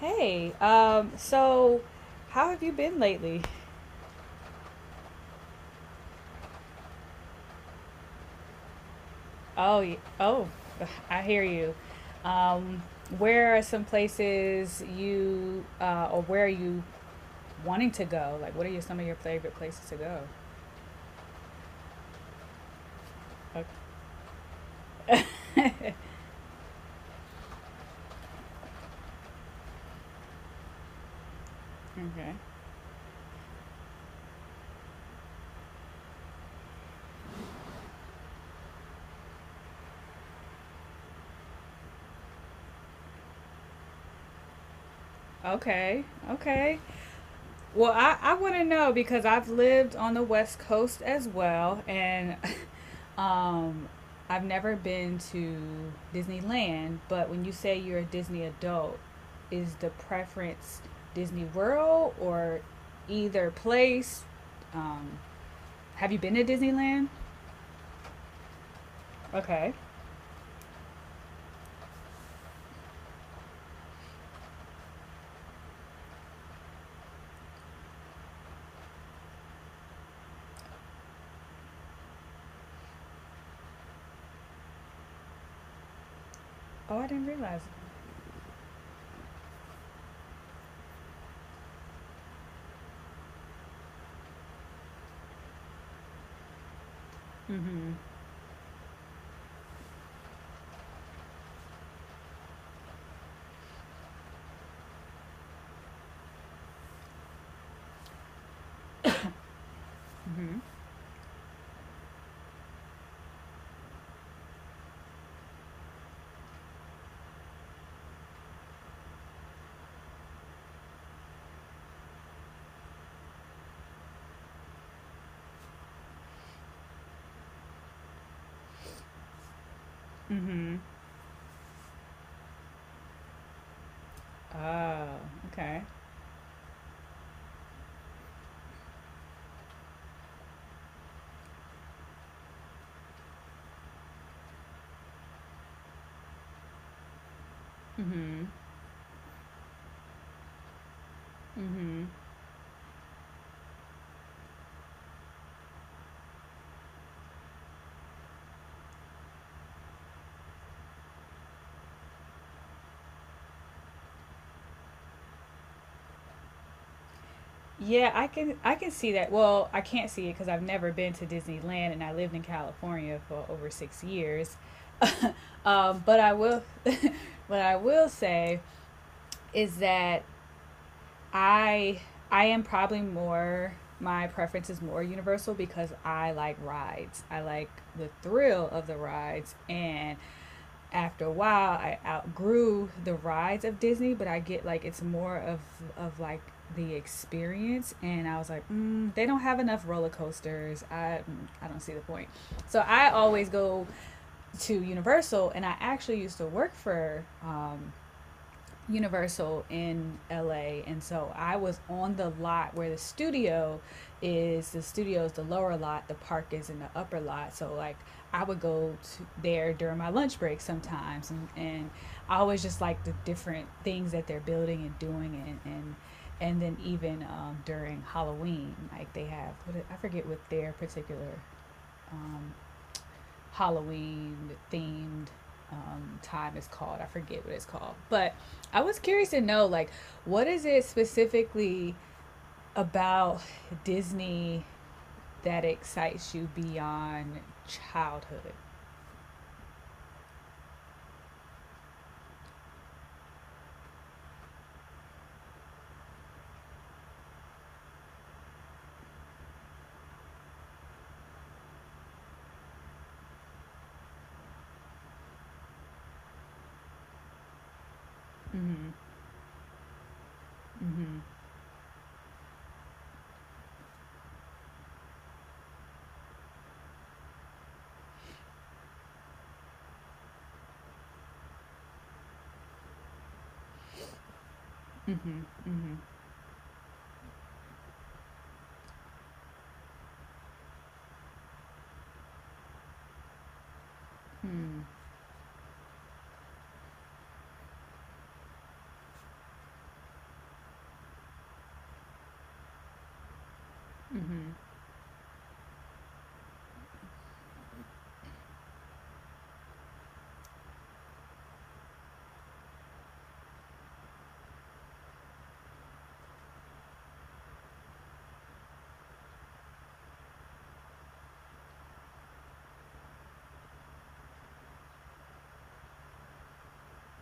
Hey, so how have you been lately? Oh, I hear you. Um, where are some places you, or where are you wanting to go? Like, some of your favorite places to go? Okay. Okay. Okay. Okay. Well, I want to know because I've lived on the West Coast as well, and um, I've never been to Disneyland. But when you say you're a Disney adult, is the preference Disney World or either place? Um, have you been to Disneyland? Okay. Oh, I didn't realize. Mm-hmm. Mm-hmm. Mm-hmm. Oh, okay. Mm-hmm. Mm-hmm. Yeah, I can see that. Well, I can't see it because I've never been to Disneyland and I lived in California for over 6 years. But I will. What I will say is that I I am probably more. My preference is more universal because I like rides. I like the thrill of the rides and after a while I outgrew the rides of Disney, but I get, like, it's more of like the experience. And I was like, they don't have enough roller coasters. I don't see the point. So I always go to Universal, and I actually used to work for Universal in LA, and so I was on the lot where the studio is. The studio is the lower lot, the park is in the upper lot. So like I would go to there during my lunch break sometimes, and I always just like the different things that they're building and doing. And then even during Halloween, like they have, what, I forget what their particular Halloween themed time is called. I forget what it's called, but I was curious to know like what is it specifically about Disney that excites you beyond childhood? Mm-hmm. Mm-hmm. Mm-hmm. Mm-hmm. Mm-hmm.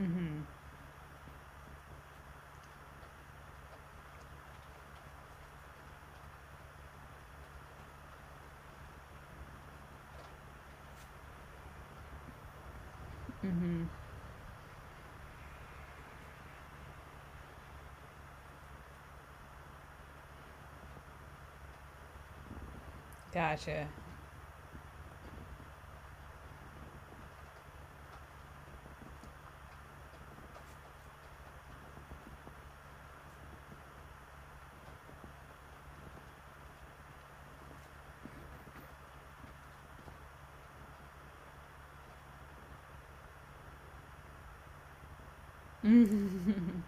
Mm-hmm. Mm-hmm. Mm-hmm. Gotcha. Mm-hmm.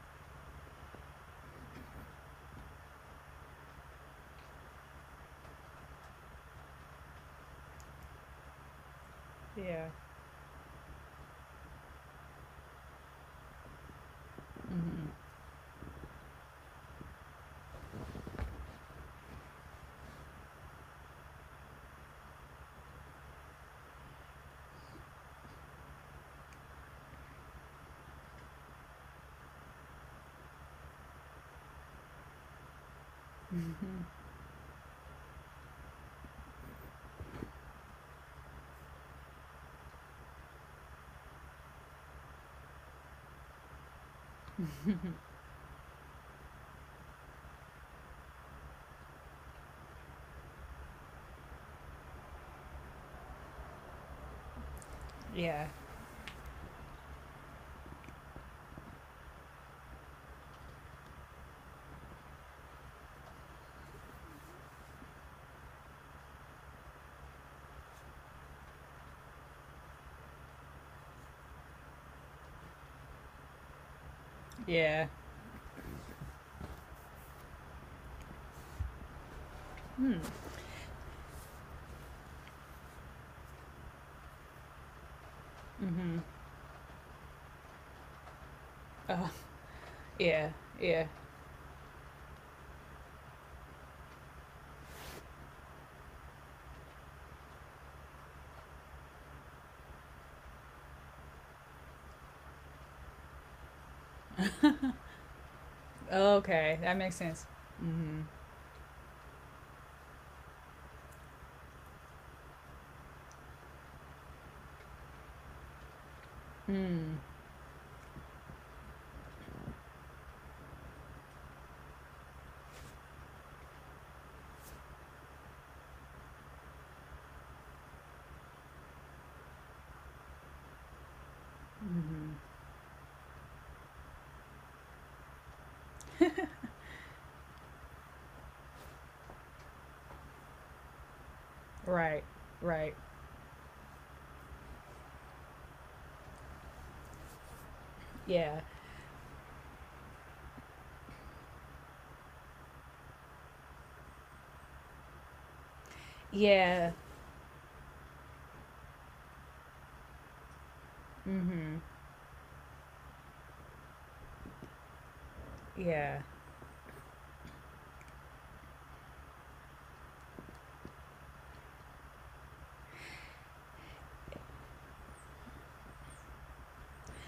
Yeah. Mm-hmm. Mm-hmm. Yeah. Yeah. Mm-hmm. Uh, yeah. Yeah. Okay, that makes sense. Mm-hmm. Mm. Mm-hmm. Right. Right. Yeah. Yeah. Mm-hmm. Yeah.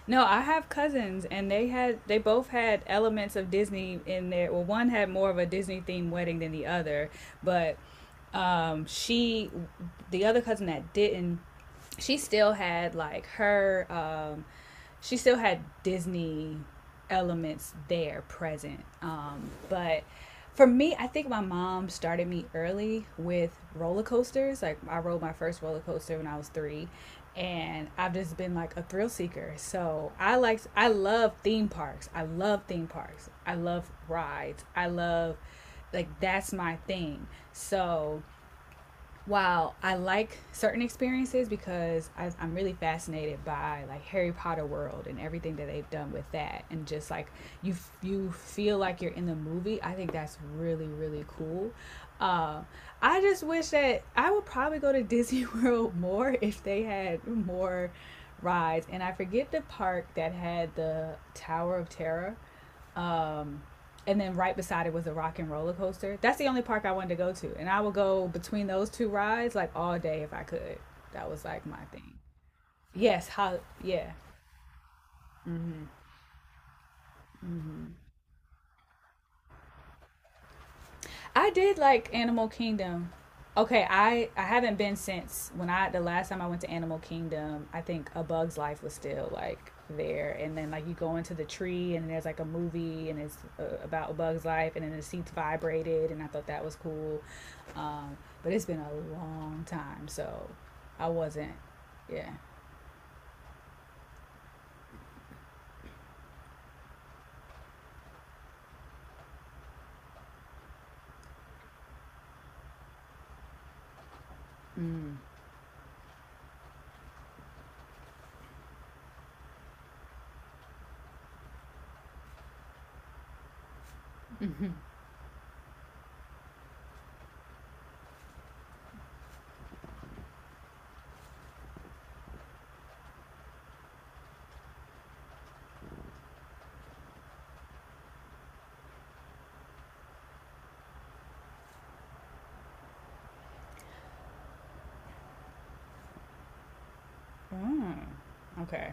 No, I have cousins, and they both had elements of Disney in there. Well, one had more of a Disney themed wedding than the other, but um, she, the other cousin that didn't, she still had like her she still had Disney elements there present. But for me, I think my mom started me early with roller coasters. Like I rode my first roller coaster when I was 3, and I've just been like a thrill seeker. So I love theme parks. I love theme parks. I love rides. I love like that's my thing. So while I like certain experiences because I'm really fascinated by like Harry Potter world and everything that they've done with that, and just like you you feel like you're in the movie. I think that's really really cool. Uh, I just wish that I would probably go to Disney World more if they had more rides. And I forget the park that had the Tower of Terror, um, and then right beside it was a rock and roller coaster. That's the only park I wanted to go to, and I would go between those two rides like all day if I could. That was like my thing. Yes, how? Yeah, I did like Animal Kingdom. Okay, I haven't been since when I the last time I went to Animal Kingdom. I think A Bug's Life was still like there, and then like you go into the tree and there's like a movie and it's, about A Bug's Life, and then the seats vibrated, and I thought that was cool. Um, but it's been a long time, so I wasn't. Yeah. Mm. Mm-hmm. Mm. Okay.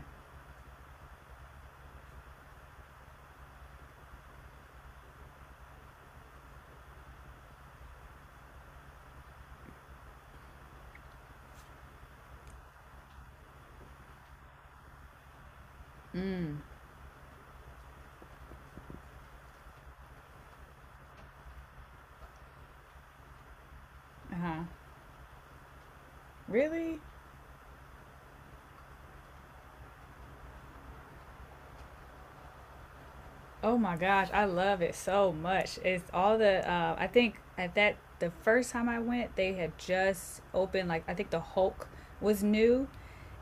Mm. Uh huh. Really? Oh my gosh, I love it so much. It's all the, I think at that the first time I went, they had just opened like I think the Hulk was new,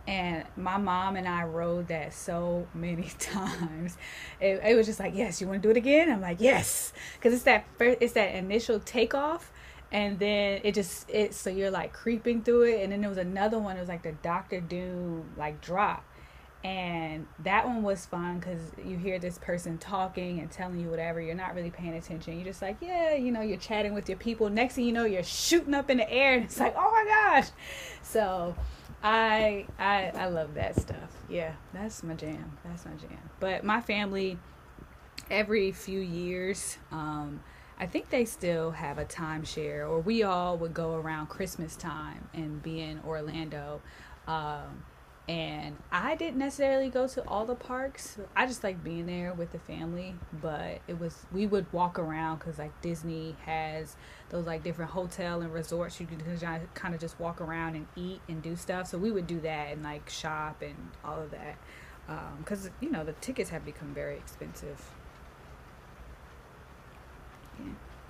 and my mom and I rode that so many times. It was just like, "Yes, you want to do it again?" I'm like, "Yes." Cuz it's that initial takeoff, and then it just, it, so you're like creeping through it. And then there was another one, it was like the Doctor Doom like drop, and that one was fun because you hear this person talking and telling you whatever, you're not really paying attention, you're just like, yeah, you're chatting with your people, next thing you know you're shooting up in the air and it's like, oh my gosh. So I love that stuff. Yeah, that's my jam, that's my jam. But my family every few years. I think they still have a timeshare, or we all would go around Christmas time and be in Orlando. Um, and I didn't necessarily go to all the parks. I just like being there with the family, but it was we would walk around because like Disney has those like different hotel and resorts, you can kind of just walk around and eat and do stuff. So we would do that and like shop and all of that because you know the tickets have become very expensive.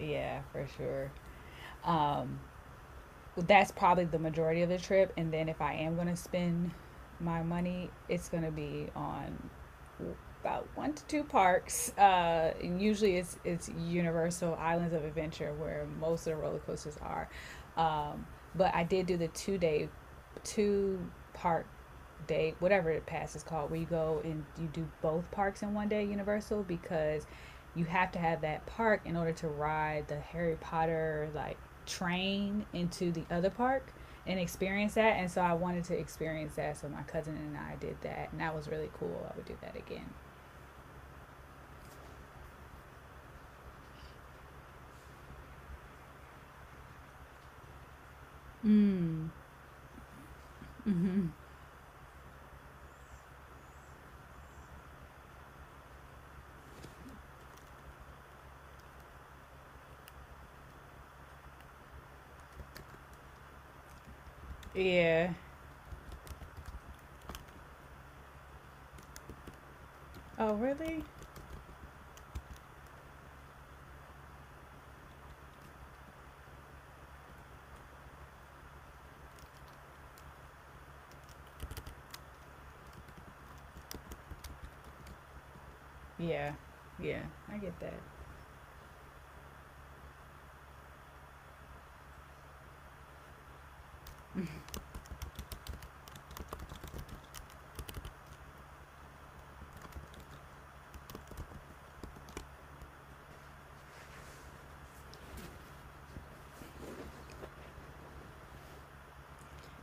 Yeah, for sure. Um, that's probably the majority of the trip. And then if I am going to spend my money, it's going to be on about one to two parks. And usually it's Universal Islands of Adventure where most of the roller coasters are. Um, but I did do the 2-day, two park day, whatever the pass is called, where you go and you do both parks in one day, Universal, because you have to have that park in order to ride the Harry Potter like train into the other park and experience that. And so I wanted to experience that. So my cousin and I did that, and that was really cool. I would do that again. Mm. Yeah. Oh, really? Yeah. Yeah, I get that.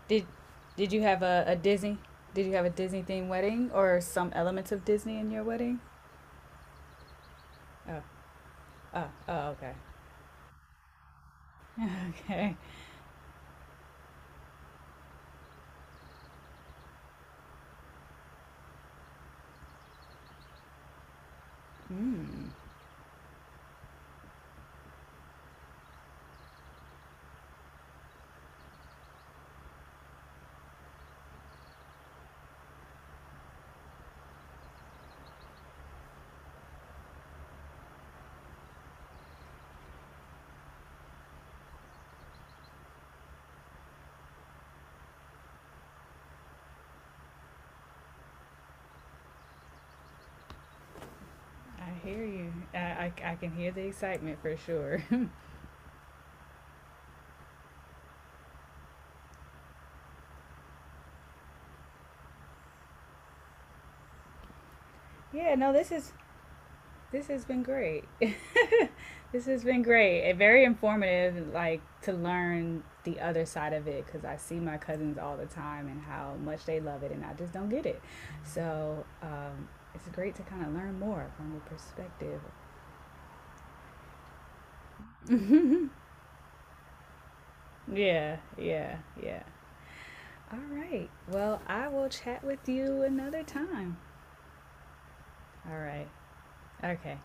Did Did you have a Disney? Did you have a Disney themed wedding or some elements of Disney in your wedding? Oh. Oh. Oh. Okay. Okay. Mm. I hear you. I can hear the excitement for sure. Yeah, no, this has been great. This has been great. And very informative, like to learn the other side of it because I see my cousins all the time and how much they love it, and I just don't get it. So it's great to kind of learn more from the perspective. Yeah, yeah, yeah. All right. Well, I will chat with you another time. All right. Okay.